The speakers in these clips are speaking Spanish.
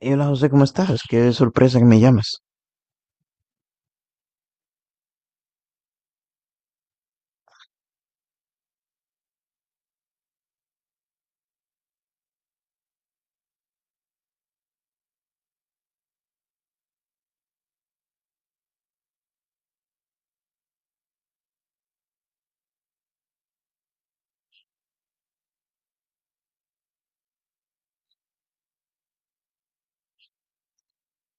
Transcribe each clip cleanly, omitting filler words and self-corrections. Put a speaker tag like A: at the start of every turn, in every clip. A: Hey, hola José, ¿cómo estás? Qué sorpresa que me llamas.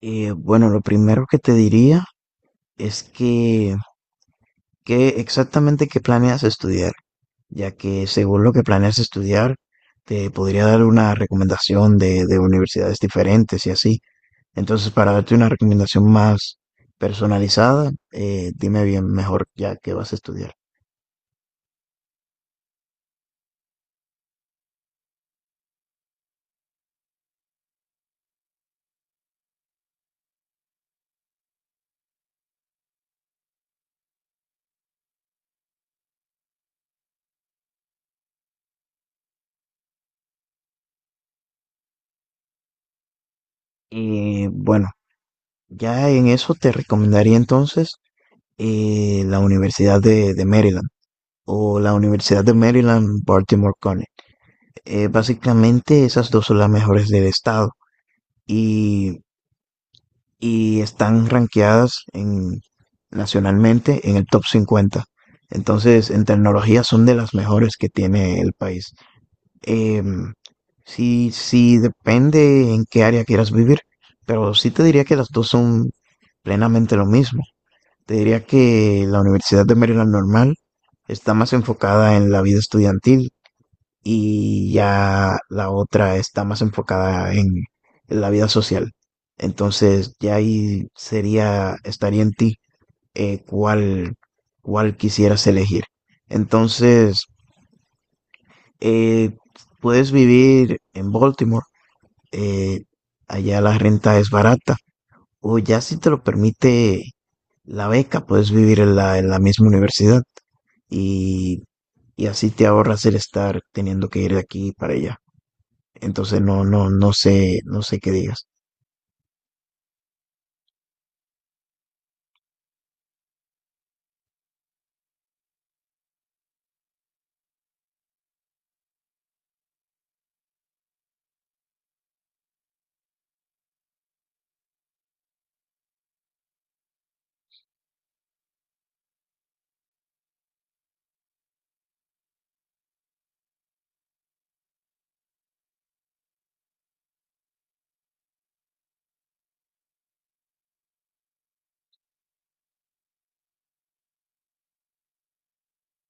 A: Bueno, lo primero que te diría es que, ¿qué exactamente qué planeas estudiar? Ya que según lo que planeas estudiar, te podría dar una recomendación de universidades diferentes y así. Entonces, para darte una recomendación más personalizada, dime bien mejor ya qué vas a estudiar. Y bueno, ya en eso te recomendaría entonces la Universidad de Maryland, o la Universidad de Maryland, Baltimore Connect. Básicamente esas dos son las mejores del estado y, y están rankeadas en, nacionalmente en el top 50. Entonces, en tecnología son de las mejores que tiene el país. Eh, sí, sí, depende en qué área quieras vivir, pero sí te diría que las dos son plenamente lo mismo. Te diría que la Universidad de Maryland normal está más enfocada en la vida estudiantil y ya la otra está más enfocada en la vida social. Entonces ya ahí sería, estaría en ti eh, cuál, cuál quisieras elegir. Entonces, eh, puedes vivir en Baltimore, eh, allá la renta es barata, o ya si te lo permite la beca, puedes vivir en en la misma universidad y, y así te ahorras el estar teniendo que ir de aquí para allá. Entonces no sé, no sé qué digas.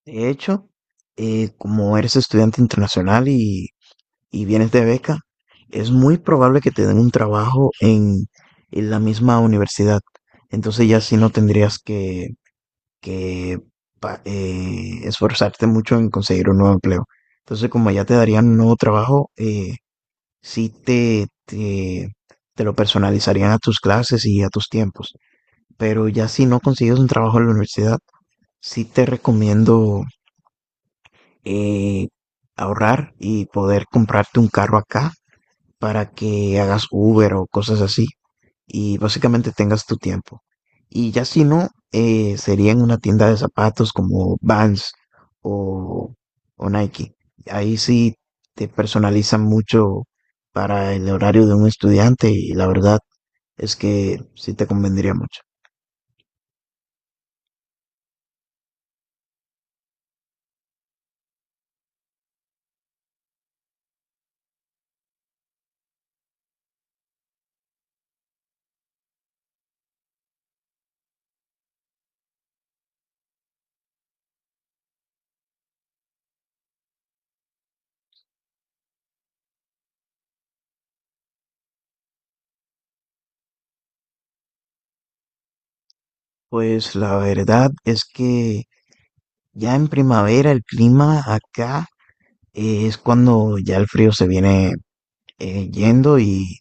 A: De hecho, como eres estudiante internacional y vienes de beca, es muy probable que te den un trabajo en la misma universidad. Entonces ya sí no tendrías que esforzarte mucho en conseguir un nuevo empleo. Entonces como ya te darían un nuevo trabajo, sí te, te, te lo personalizarían a tus clases y a tus tiempos. Pero ya si no consigues un trabajo en la universidad, sí te recomiendo eh, ahorrar y poder comprarte un carro acá para que hagas Uber o cosas así y básicamente tengas tu tiempo. Y ya si no, sería en una tienda de zapatos como Vans o, o Nike. Ahí sí te personalizan mucho para el horario de un estudiante y la verdad es que sí te convendría mucho. Pues la verdad es que ya en primavera el clima acá es cuando ya el frío se viene yendo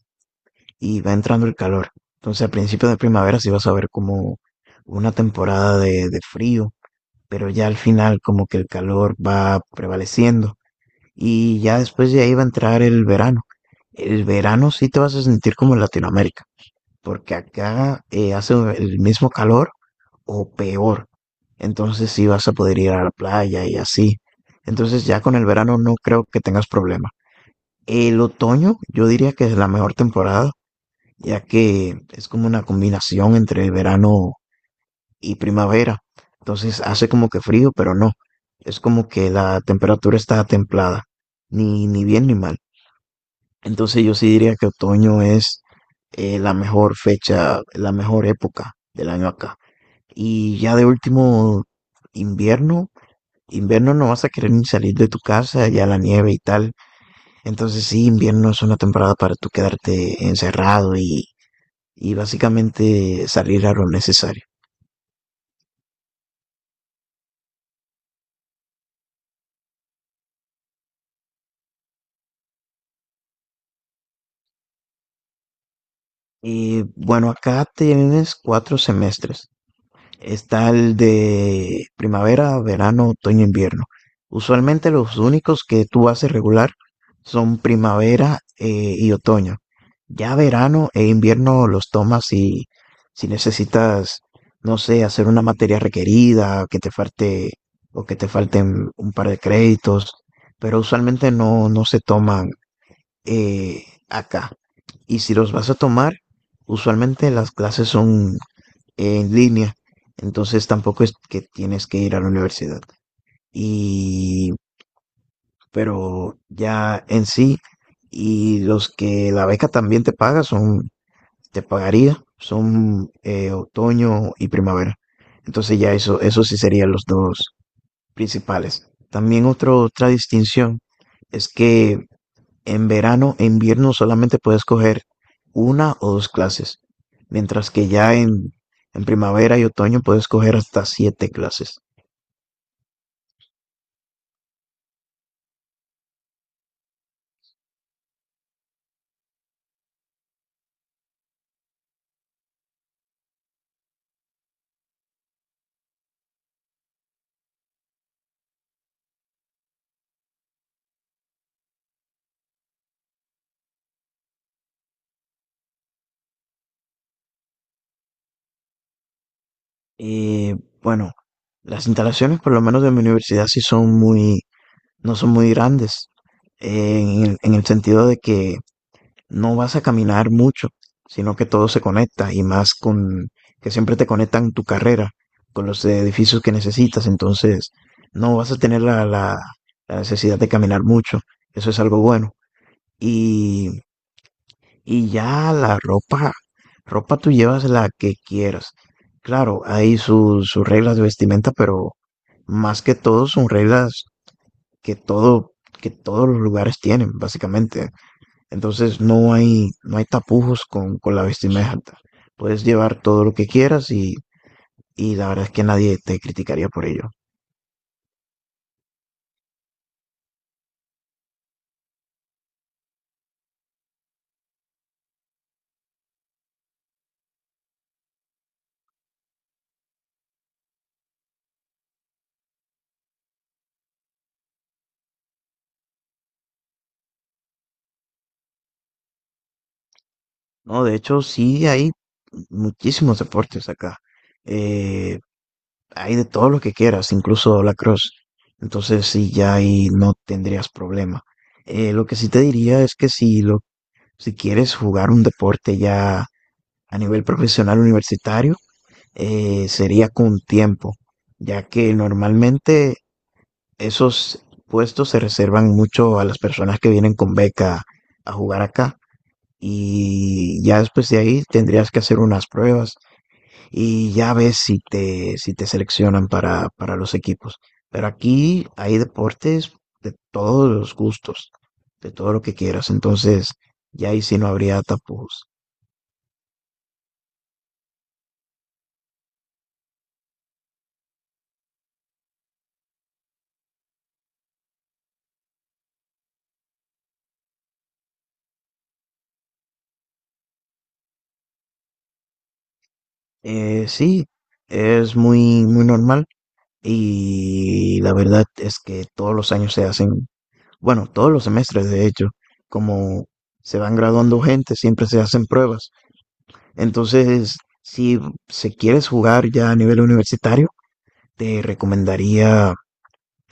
A: y va entrando el calor. Entonces, a principios de primavera sí vas a ver como una temporada de frío, pero ya al final como que el calor va prevaleciendo y ya después de ahí va a entrar el verano. El verano sí te vas a sentir como en Latinoamérica, porque acá hace el mismo calor o peor. Entonces sí vas a poder ir a la playa y así. Entonces ya con el verano no creo que tengas problema. El otoño yo diría que es la mejor temporada, ya que es como una combinación entre verano y primavera. Entonces hace como que frío, pero no. Es como que la temperatura está templada, ni, ni bien ni mal. Entonces yo sí diría que otoño es la mejor fecha, la mejor época del año acá. Y ya de último, invierno. Invierno no vas a querer ni salir de tu casa, ya la nieve y tal. Entonces sí, invierno es una temporada para tú quedarte encerrado y básicamente salir a lo necesario. Y bueno, acá tienes cuatro semestres. Está el de primavera, verano, otoño, invierno. Usualmente los únicos que tú haces regular son primavera y otoño. Ya verano e invierno los tomas si, si necesitas, no sé, hacer una materia requerida, que te falte o que te falten un par de créditos, pero usualmente no, no se toman acá. Y si los vas a tomar, usualmente las clases son en línea, entonces tampoco es que tienes que ir a la universidad. Y, pero ya en sí, y los que la beca también te paga son, te pagaría, son otoño y primavera. Entonces ya eso sí serían los dos principales. También otra distinción es que en verano e invierno solamente puedes coger una o dos clases, mientras que ya en primavera y otoño puedes coger hasta 7 clases. Y bueno, las instalaciones, por lo menos de mi universidad, sí son muy, no son muy grandes, en en el sentido de que no vas a caminar mucho, sino que todo se conecta y más con que siempre te conectan tu carrera con los edificios que necesitas, entonces no vas a tener la necesidad de caminar mucho, eso es algo bueno. Y, y ya la ropa, ropa tú llevas la que quieras. Claro, hay sus reglas de vestimenta, pero más que todo son reglas que todo, que todos los lugares tienen, básicamente. Entonces no hay, no hay tapujos con la vestimenta. Puedes llevar todo lo que quieras y la verdad es que nadie te criticaría por ello. No, de hecho sí hay muchísimos deportes acá. Eh, Hay de todo lo que quieras, incluso la cross. Entonces sí, ya ahí no tendrías problema. Lo que sí te diría es que si si quieres jugar un deporte ya a nivel profesional universitario, sería con tiempo, ya que normalmente esos puestos se reservan mucho a las personas que vienen con beca a jugar acá. Y ya después de ahí tendrías que hacer unas pruebas y ya ves si te, si te seleccionan para los equipos. Pero aquí hay deportes de todos los gustos, de todo lo que quieras. Entonces, ya ahí sí no habría tapujos. Sí, es muy, muy normal y la verdad es que todos los años se hacen, bueno, todos los semestres, de hecho, como se van graduando gente, siempre se hacen pruebas. Entonces, si se quieres jugar ya a nivel universitario, te recomendaría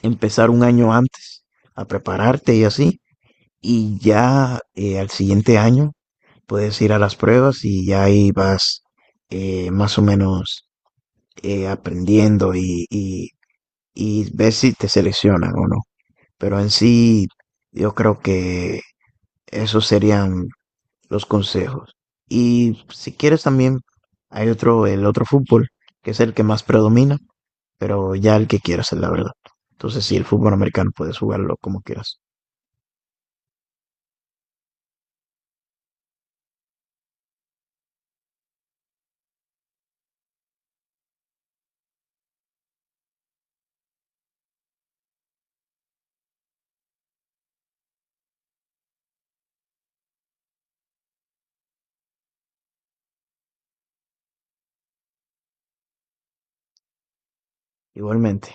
A: empezar un año antes a prepararte y así. Y ya al siguiente año puedes ir a las pruebas y ya ahí vas más o menos aprendiendo y ver si te seleccionan o no. Pero en sí, yo creo que esos serían los consejos. Y si quieres también hay otro, el otro fútbol, que es el que más predomina, pero ya el que quieras es la verdad. Entonces sí, el fútbol americano puedes jugarlo como quieras. Igualmente.